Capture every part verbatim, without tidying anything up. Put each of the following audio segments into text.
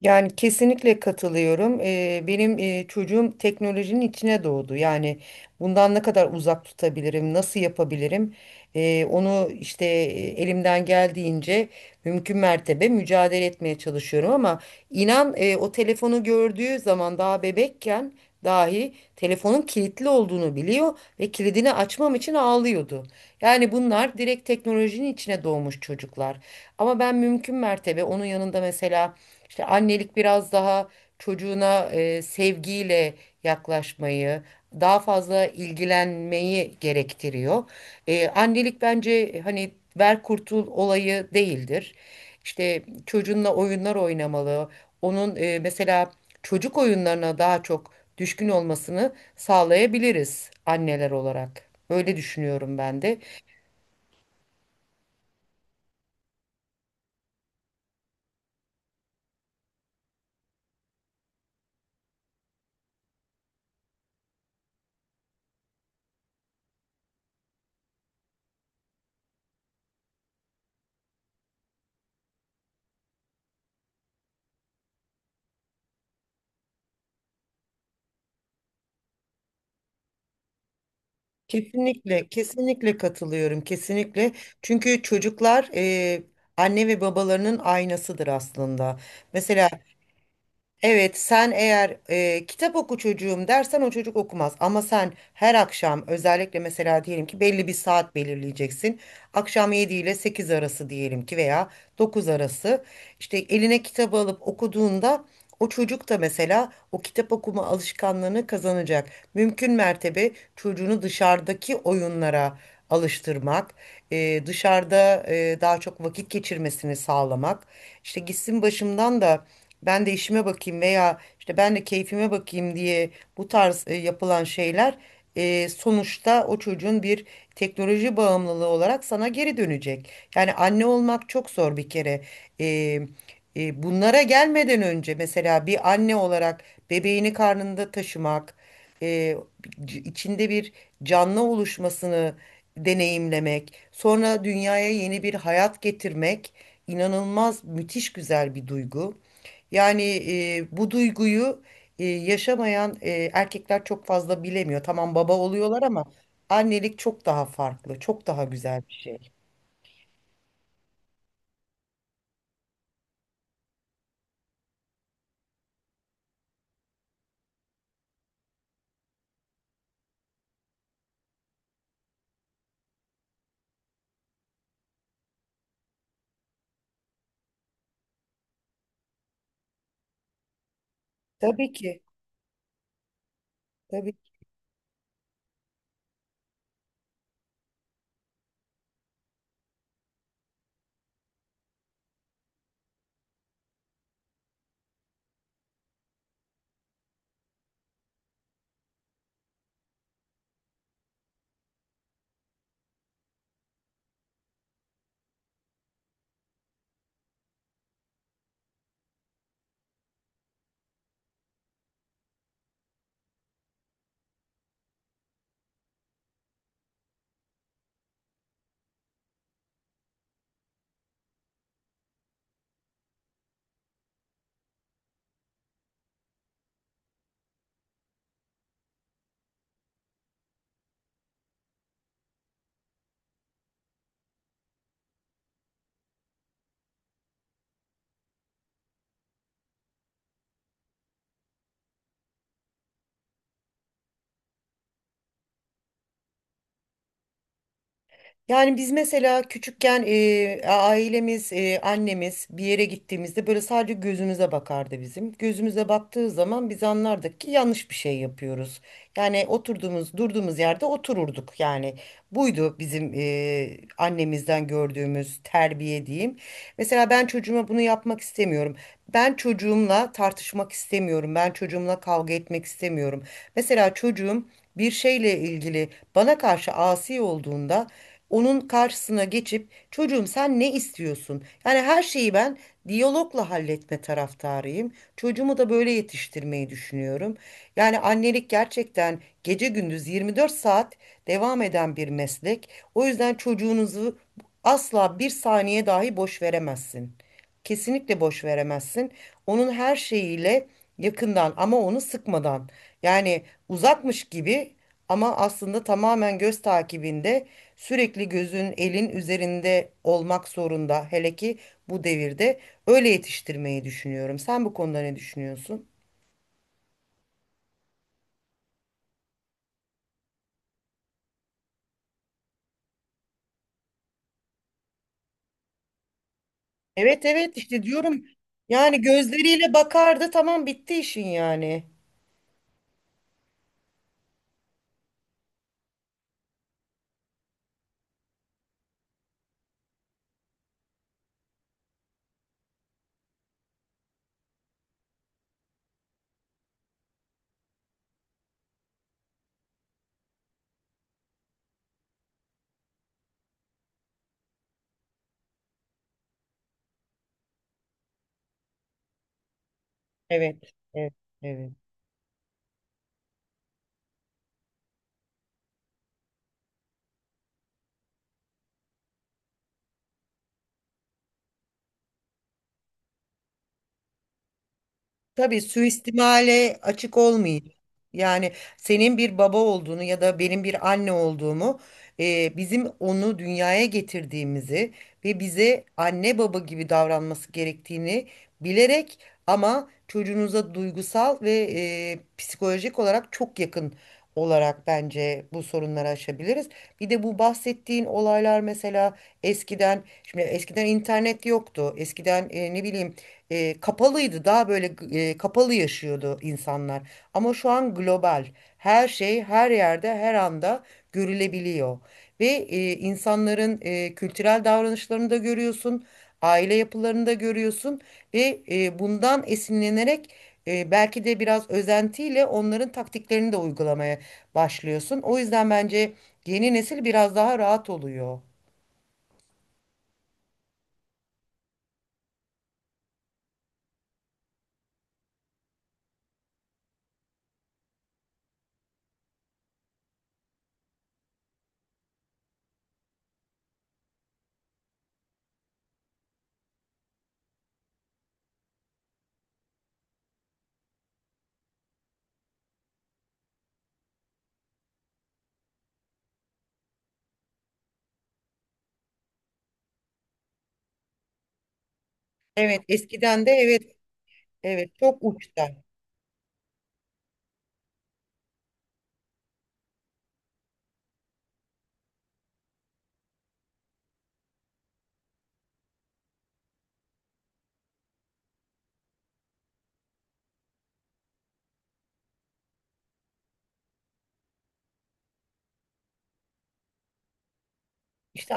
Yani kesinlikle katılıyorum. Eee, benim eee, çocuğum teknolojinin içine doğdu. Yani bundan ne kadar uzak tutabilirim, nasıl yapabilirim? Eee, onu işte eee, elimden geldiğince mümkün mertebe mücadele etmeye çalışıyorum ama inan eee, o telefonu gördüğü zaman daha bebekken dahi telefonun kilitli olduğunu biliyor ve kilidini açmam için ağlıyordu. Yani bunlar direkt teknolojinin içine doğmuş çocuklar. Ama ben mümkün mertebe onun yanında mesela işte annelik biraz daha çocuğuna e, sevgiyle yaklaşmayı, daha fazla ilgilenmeyi gerektiriyor. E, annelik bence hani ver kurtul olayı değildir. İşte çocuğunla oyunlar oynamalı. Onun e, mesela çocuk oyunlarına daha çok düşkün olmasını sağlayabiliriz anneler olarak. Öyle düşünüyorum ben de. Kesinlikle, kesinlikle katılıyorum, kesinlikle. Çünkü çocuklar e, anne ve babalarının aynasıdır aslında. Mesela Evet, sen eğer e, kitap oku çocuğum dersen o çocuk okumaz. Ama sen her akşam özellikle mesela diyelim ki belli bir saat belirleyeceksin. Akşam yedi ile sekiz arası diyelim ki veya dokuz arası. İşte eline kitabı alıp okuduğunda o çocuk da mesela o kitap okuma alışkanlığını kazanacak. Mümkün mertebe çocuğunu dışarıdaki oyunlara alıştırmak, e, dışarıda e, daha çok vakit geçirmesini sağlamak. İşte gitsin başımdan da ben de işime bakayım veya işte ben de keyfime bakayım diye bu tarz e, yapılan şeyler e, sonuçta o çocuğun bir teknoloji bağımlılığı olarak sana geri dönecek. Yani anne olmak çok zor bir kere. E, e, Bunlara gelmeden önce mesela bir anne olarak bebeğini karnında taşımak, e, c- içinde bir canlı oluşmasını deneyimlemek, sonra dünyaya yeni bir hayat getirmek inanılmaz müthiş güzel bir duygu. Yani e, bu duyguyu e, yaşamayan e, erkekler çok fazla bilemiyor. Tamam baba oluyorlar ama annelik çok daha farklı, çok daha güzel bir şey. Tabii ki. Tabii Yani biz mesela küçükken e, ailemiz, e, annemiz bir yere gittiğimizde böyle sadece gözümüze bakardı bizim. Gözümüze baktığı zaman biz anlardık ki yanlış bir şey yapıyoruz. Yani oturduğumuz, durduğumuz yerde otururduk. Yani buydu bizim e, annemizden gördüğümüz terbiye diyeyim. Mesela ben çocuğuma bunu yapmak istemiyorum. Ben çocuğumla tartışmak istemiyorum. Ben çocuğumla kavga etmek istemiyorum. Mesela çocuğum bir şeyle ilgili bana karşı asi olduğunda onun karşısına geçip çocuğum sen ne istiyorsun? Yani her şeyi ben diyalogla halletme taraftarıyım. Çocuğumu da böyle yetiştirmeyi düşünüyorum. Yani annelik gerçekten gece gündüz yirmi dört saat devam eden bir meslek. O yüzden çocuğunuzu asla bir saniye dahi boş veremezsin. Kesinlikle boş veremezsin. Onun her şeyiyle yakından ama onu sıkmadan. Yani uzakmış gibi ama aslında tamamen göz takibinde sürekli gözün elin üzerinde olmak zorunda. Hele ki bu devirde öyle yetiştirmeyi düşünüyorum. Sen bu konuda ne düşünüyorsun? Evet, evet, işte diyorum yani gözleriyle bakardı tamam bitti işin yani. Evet, evet, evet. Tabii, suistimale açık olmayın. Yani senin bir baba olduğunu ya da benim bir anne olduğumu, e, bizim onu dünyaya getirdiğimizi ve bize anne baba gibi davranması gerektiğini bilerek ama çocuğunuza duygusal ve e, psikolojik olarak çok yakın olarak bence bu sorunları aşabiliriz. Bir de bu bahsettiğin olaylar mesela eskiden, şimdi eskiden internet yoktu. Eskiden e, ne bileyim e, kapalıydı. Daha böyle e, kapalı yaşıyordu insanlar. Ama şu an global. Her şey her yerde her anda görülebiliyor. Ve e, insanların e, kültürel davranışlarını da görüyorsun. Aile yapılarını da görüyorsun. Ve e, bundan esinlenerek e, belki de biraz özentiyle onların taktiklerini de uygulamaya başlıyorsun. O yüzden bence yeni nesil biraz daha rahat oluyor. Evet, eskiden de evet, evet çok uçta. İşte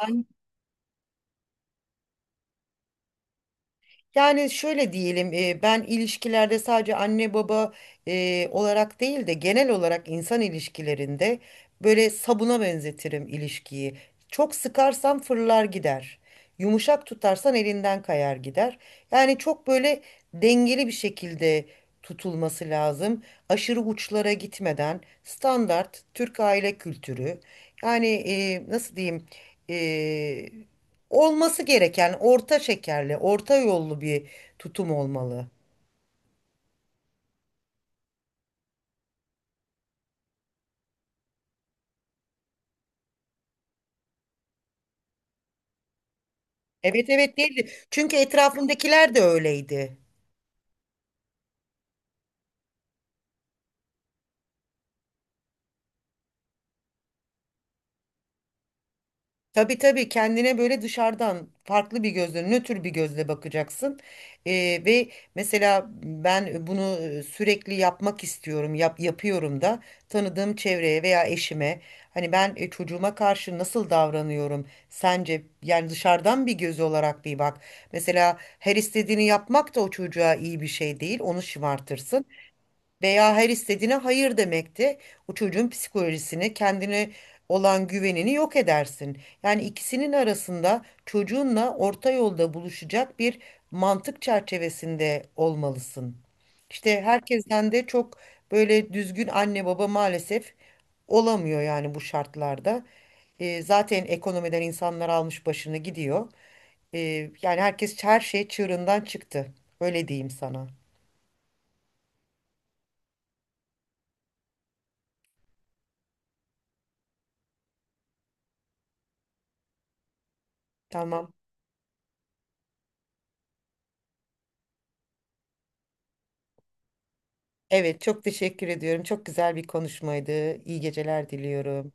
Yani şöyle diyelim, e, ben ilişkilerde sadece anne baba e, olarak değil de genel olarak insan ilişkilerinde böyle sabuna benzetirim ilişkiyi. Çok sıkarsan fırlar gider. Yumuşak tutarsan elinden kayar gider. Yani çok böyle dengeli bir şekilde tutulması lazım. Aşırı uçlara gitmeden standart Türk aile kültürü. Yani e, nasıl diyeyim? E, Olması gereken orta şekerli, orta yollu bir tutum olmalı. Evet, evet, değildi. Çünkü etrafımdakiler de öyleydi. Tabii, tabii, kendine böyle dışarıdan farklı bir gözle, nötr bir gözle bakacaksın. Ee, ve mesela ben bunu sürekli yapmak istiyorum, yap, yapıyorum da tanıdığım çevreye veya eşime. Hani ben e, çocuğuma karşı nasıl davranıyorum sence? Yani dışarıdan bir göz olarak bir bak. Mesela her istediğini yapmak da o çocuğa iyi bir şey değil, onu şımartırsın veya her istediğine hayır demekti. O çocuğun psikolojisini, kendine olan güvenini yok edersin. Yani ikisinin arasında çocuğunla orta yolda buluşacak bir mantık çerçevesinde olmalısın. İşte herkesten de çok böyle düzgün anne baba maalesef olamıyor yani bu şartlarda. Ee, zaten ekonomiden insanlar almış başını gidiyor. Ee, Yani herkes her şey çığırından çıktı. Öyle diyeyim sana. Tamam. Evet, çok teşekkür ediyorum. Çok güzel bir konuşmaydı. İyi geceler diliyorum.